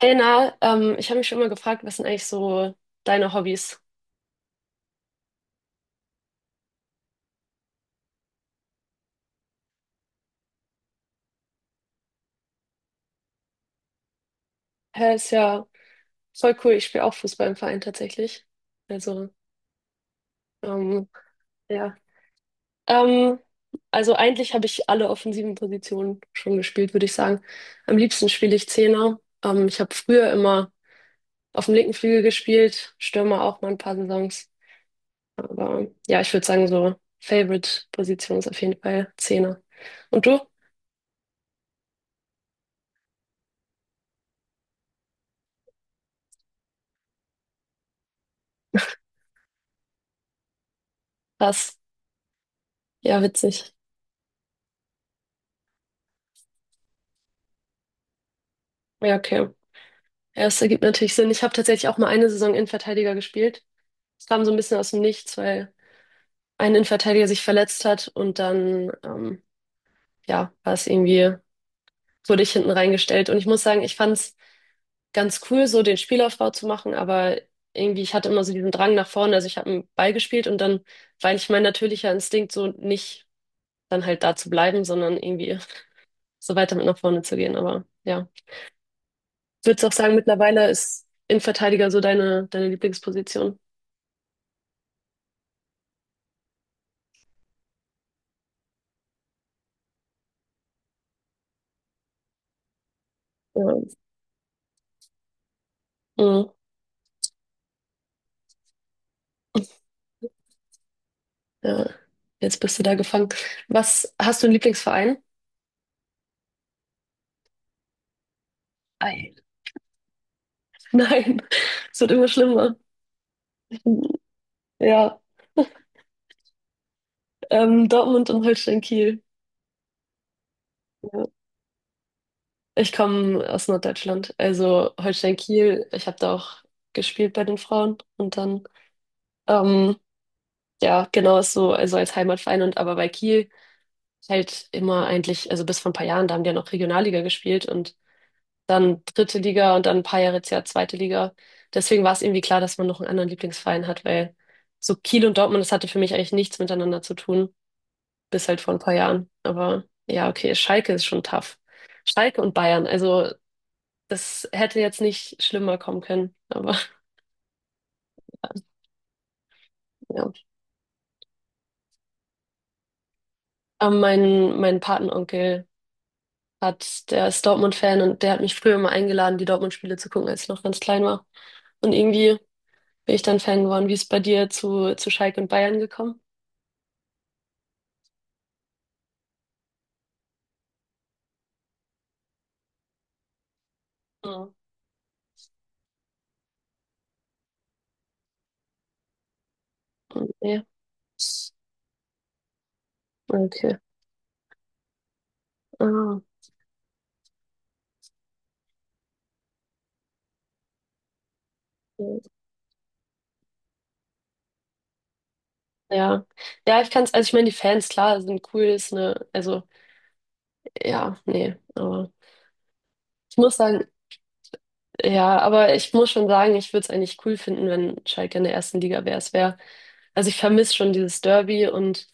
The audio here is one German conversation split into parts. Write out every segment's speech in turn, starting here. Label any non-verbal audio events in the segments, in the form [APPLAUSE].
Hey Na, ich habe mich schon immer gefragt, was sind eigentlich so deine Hobbys? Hä, ist ja voll cool. Ich spiele auch Fußball im Verein tatsächlich. Also, ähm, ja. Ähm, also eigentlich habe ich alle offensiven Positionen schon gespielt, würde ich sagen. Am liebsten spiele ich Zehner. Ich habe früher immer auf dem linken Flügel gespielt, Stürmer auch mal ein paar Saisons. Aber ja, ich würde sagen, so Favorite-Position ist auf jeden Fall Zehner. Und du? Was? Ja, witzig. Ja, okay. Ja, das ergibt natürlich Sinn. Ich habe tatsächlich auch mal eine Saison Innenverteidiger gespielt. Es kam so ein bisschen aus dem Nichts, weil ein Innenverteidiger sich verletzt hat und dann, ja, war es irgendwie, wurde ich hinten reingestellt. Und ich muss sagen, ich fand es ganz cool, so den Spielaufbau zu machen, aber irgendwie, ich hatte immer so diesen Drang nach vorne. Also ich habe einen Ball gespielt und dann weil ich mein natürlicher Instinkt so nicht dann halt da zu bleiben, sondern irgendwie [LAUGHS] so weiter mit nach vorne zu gehen. Aber ja, würdest du auch sagen, mittlerweile ist Innenverteidiger so deine Lieblingsposition? Ja. Mhm. Ja, jetzt bist du da gefangen. Was, hast du einen Lieblingsverein? Ei. Nein, [LAUGHS] es wird immer schlimmer. Ja, Dortmund und Holstein-Kiel. Ja. Ich komme aus Norddeutschland, also Holstein-Kiel. Ich habe da auch gespielt bei den Frauen und dann, ähm, ja, genau ist so, also als Heimatverein und aber bei Kiel halt immer eigentlich, also bis vor ein paar Jahren, da haben die ja noch Regionalliga gespielt und dann dritte Liga und dann ein paar Jahre jetzt ja zweite Liga. Deswegen war es irgendwie klar, dass man noch einen anderen Lieblingsverein hat, weil so Kiel und Dortmund, das hatte für mich eigentlich nichts miteinander zu tun, bis halt vor ein paar Jahren. Aber ja, okay, Schalke ist schon tough. Schalke und Bayern, also das hätte jetzt nicht schlimmer kommen können, aber [LAUGHS] ja. Aber mein Patenonkel hat, der ist Dortmund-Fan und der hat mich früher immer eingeladen, die Dortmund-Spiele zu gucken, als ich noch ganz klein war. Und irgendwie bin ich dann Fan geworden. Wie ist es bei dir zu Schalke und Bayern gekommen? Mhm. Ja, okay. Ah, okay. Ja. Ja, ich kann es, also ich meine, die Fans, klar, sind cool, ist eine, also, ja, nee, aber ich muss sagen, ja, aber ich muss schon sagen, ich würde es eigentlich cool finden, wenn Schalke in der ersten Liga wäre. Es wäre, also ich vermisse schon dieses Derby und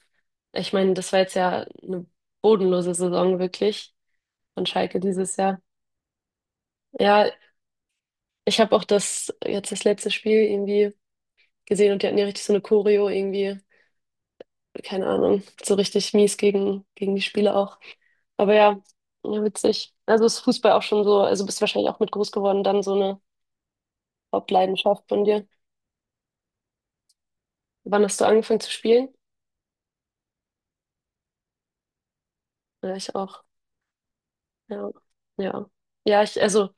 ich meine, das war jetzt ja eine bodenlose Saison wirklich von Schalke dieses Jahr. Ja, ich habe auch das, jetzt das letzte Spiel irgendwie gesehen und die hatten ja richtig so eine Choreo irgendwie, keine Ahnung, so richtig mies gegen die Spieler auch. Aber ja, ja, witzig. Also ist Fußball auch schon so, also bist wahrscheinlich auch mit groß geworden, dann so eine Hauptleidenschaft von dir. Wann hast du angefangen zu spielen? Ja, ich auch. Ja. Ja. Ja,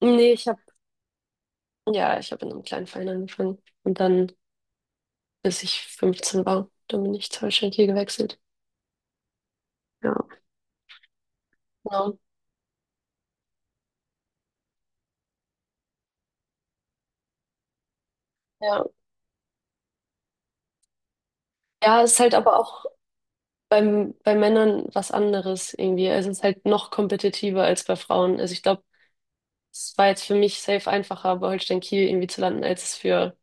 nee, ja, ich habe in einem kleinen Verein angefangen. Und dann, bis ich 15 war, dann bin ich zur Holstein Kiel gewechselt. Ja. Genau. Ja. Ja, es ist halt aber auch bei Männern was anderes irgendwie. Also es ist halt noch kompetitiver als bei Frauen. Also ich glaube, es war jetzt für mich safe einfacher, bei Holstein Kiel irgendwie zu landen, als es für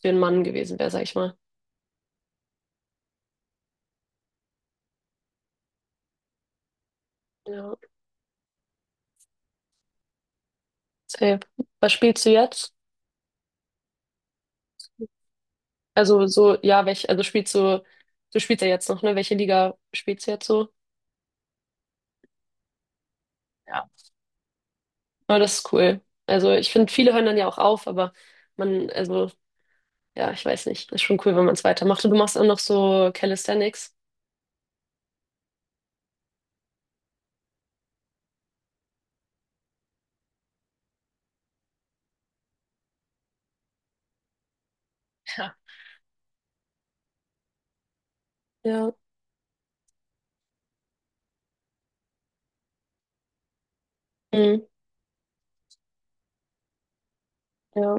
für einen Mann gewesen wäre, sag ich mal. Ja, safe. Was spielst du jetzt? Also so, ja, welche, also du spielst ja jetzt noch, ne? Welche Liga spielst du jetzt so? Ja. Aber das ist cool. Also ich finde, viele hören dann ja auch auf, aber man, also, ja, ich weiß nicht. Ist schon cool, wenn man es weitermacht. Und du machst auch noch so Calisthenics. Ja. Ja. Mhm. Ja.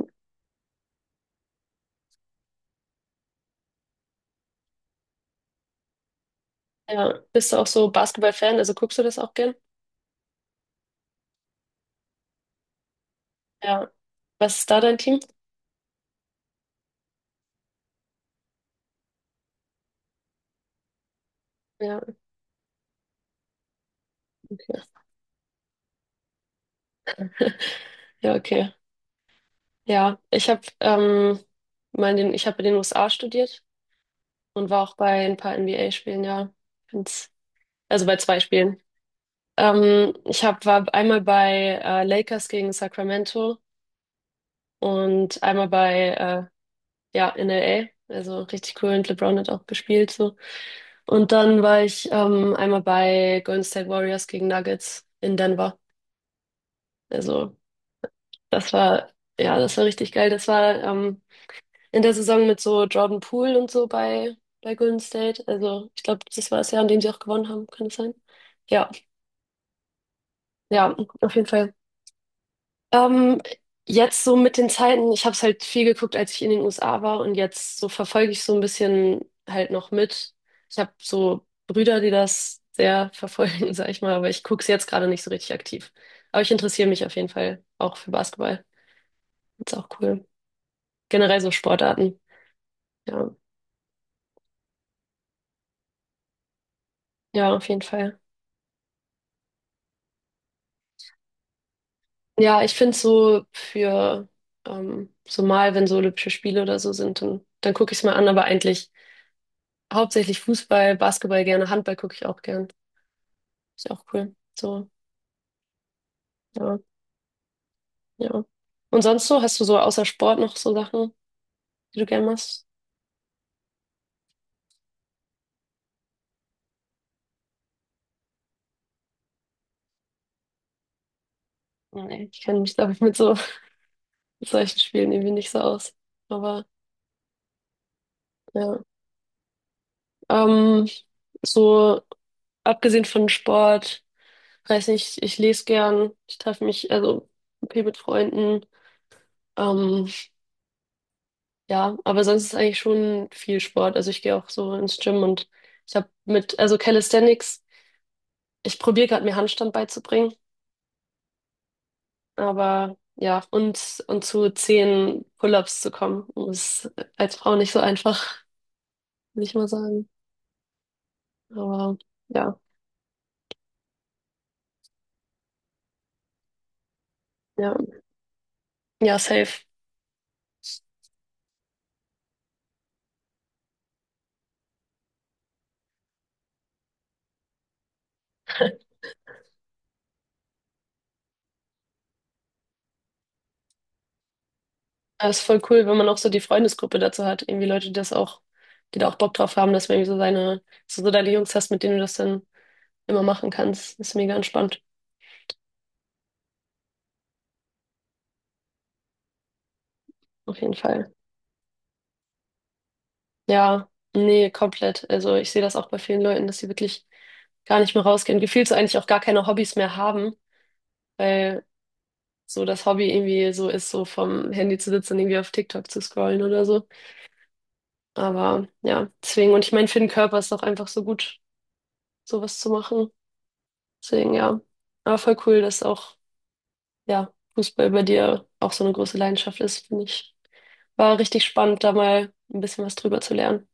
Ja. Bist du auch so Basketball-Fan? Also guckst du das auch gern? Ja. Was ist da dein Team? Ja, okay. Ja, okay. Ja, ich habe in den USA studiert und war auch bei ein paar NBA-Spielen, ja. Find's, also bei zwei Spielen. War einmal bei Lakers gegen Sacramento und einmal bei ja, in LA. Also richtig cool und LeBron hat auch gespielt so. Und dann war ich einmal bei Golden State Warriors gegen Nuggets in Denver. Also das war, ja, das war richtig geil. Das war in der Saison mit so Jordan Poole und so bei Golden State. Also ich glaube, das war das Jahr, in dem sie auch gewonnen haben, kann es sein? Ja, ja, auf jeden Fall. Ähm, Jetzt so mit den Zeiten, ich habe es halt viel geguckt, als ich in den USA war und jetzt so verfolge ich so ein bisschen halt noch mit. Ich habe so Brüder, die das sehr verfolgen, [LAUGHS] sag ich mal, aber ich gucke es jetzt gerade nicht so richtig aktiv. Aber ich interessiere mich auf jeden Fall auch für Basketball. Ist auch cool. Generell so Sportarten. Ja, ja, auf jeden Fall. Ja, ich finde so für so mal, wenn so Olympische Spiele oder so sind, dann gucke ich es mal an, aber eigentlich hauptsächlich Fußball, Basketball gerne, Handball gucke ich auch gern. Ist ja auch cool. So, ja, ja. Und sonst so, hast du so außer Sport noch so Sachen, die du gern machst? Nee, ich kenne mich, glaube ich, mit so [LAUGHS] mit solchen Spielen irgendwie nicht so aus. Aber ja. Ähm, so abgesehen von Sport, weiß nicht, ich lese gern, ich treffe mich, also okay mit Freunden. Ähm, Ja, aber sonst ist eigentlich schon viel Sport. Also ich gehe auch so ins Gym und ich habe mit, also Calisthenics, ich probiere gerade mir Handstand beizubringen, aber ja, und zu 10 Pull-ups zu kommen, ist als Frau nicht so einfach, [LAUGHS] will ich mal sagen. Aber ja, ja, ja, safe. Das ist voll cool, wenn man auch so die Freundesgruppe dazu hat. Irgendwie Leute, die da auch Bock drauf haben, dass man irgendwie so deine Jungs hast, mit denen du das dann immer machen kannst. Ist mega entspannt, auf jeden Fall. Ja, nee, komplett. Also ich sehe das auch bei vielen Leuten, dass sie wirklich gar nicht mehr rausgehen. Gefühlt so eigentlich auch gar keine Hobbys mehr haben, weil so das Hobby irgendwie so ist, so vom Handy zu sitzen und irgendwie auf TikTok zu scrollen oder so. Aber ja, deswegen. Und ich meine, für den Körper ist es auch einfach so gut, sowas zu machen. Deswegen, ja. Aber voll cool, dass auch, ja, Fußball bei dir auch so eine große Leidenschaft ist, finde ich. War richtig spannend, da mal ein bisschen was drüber zu lernen.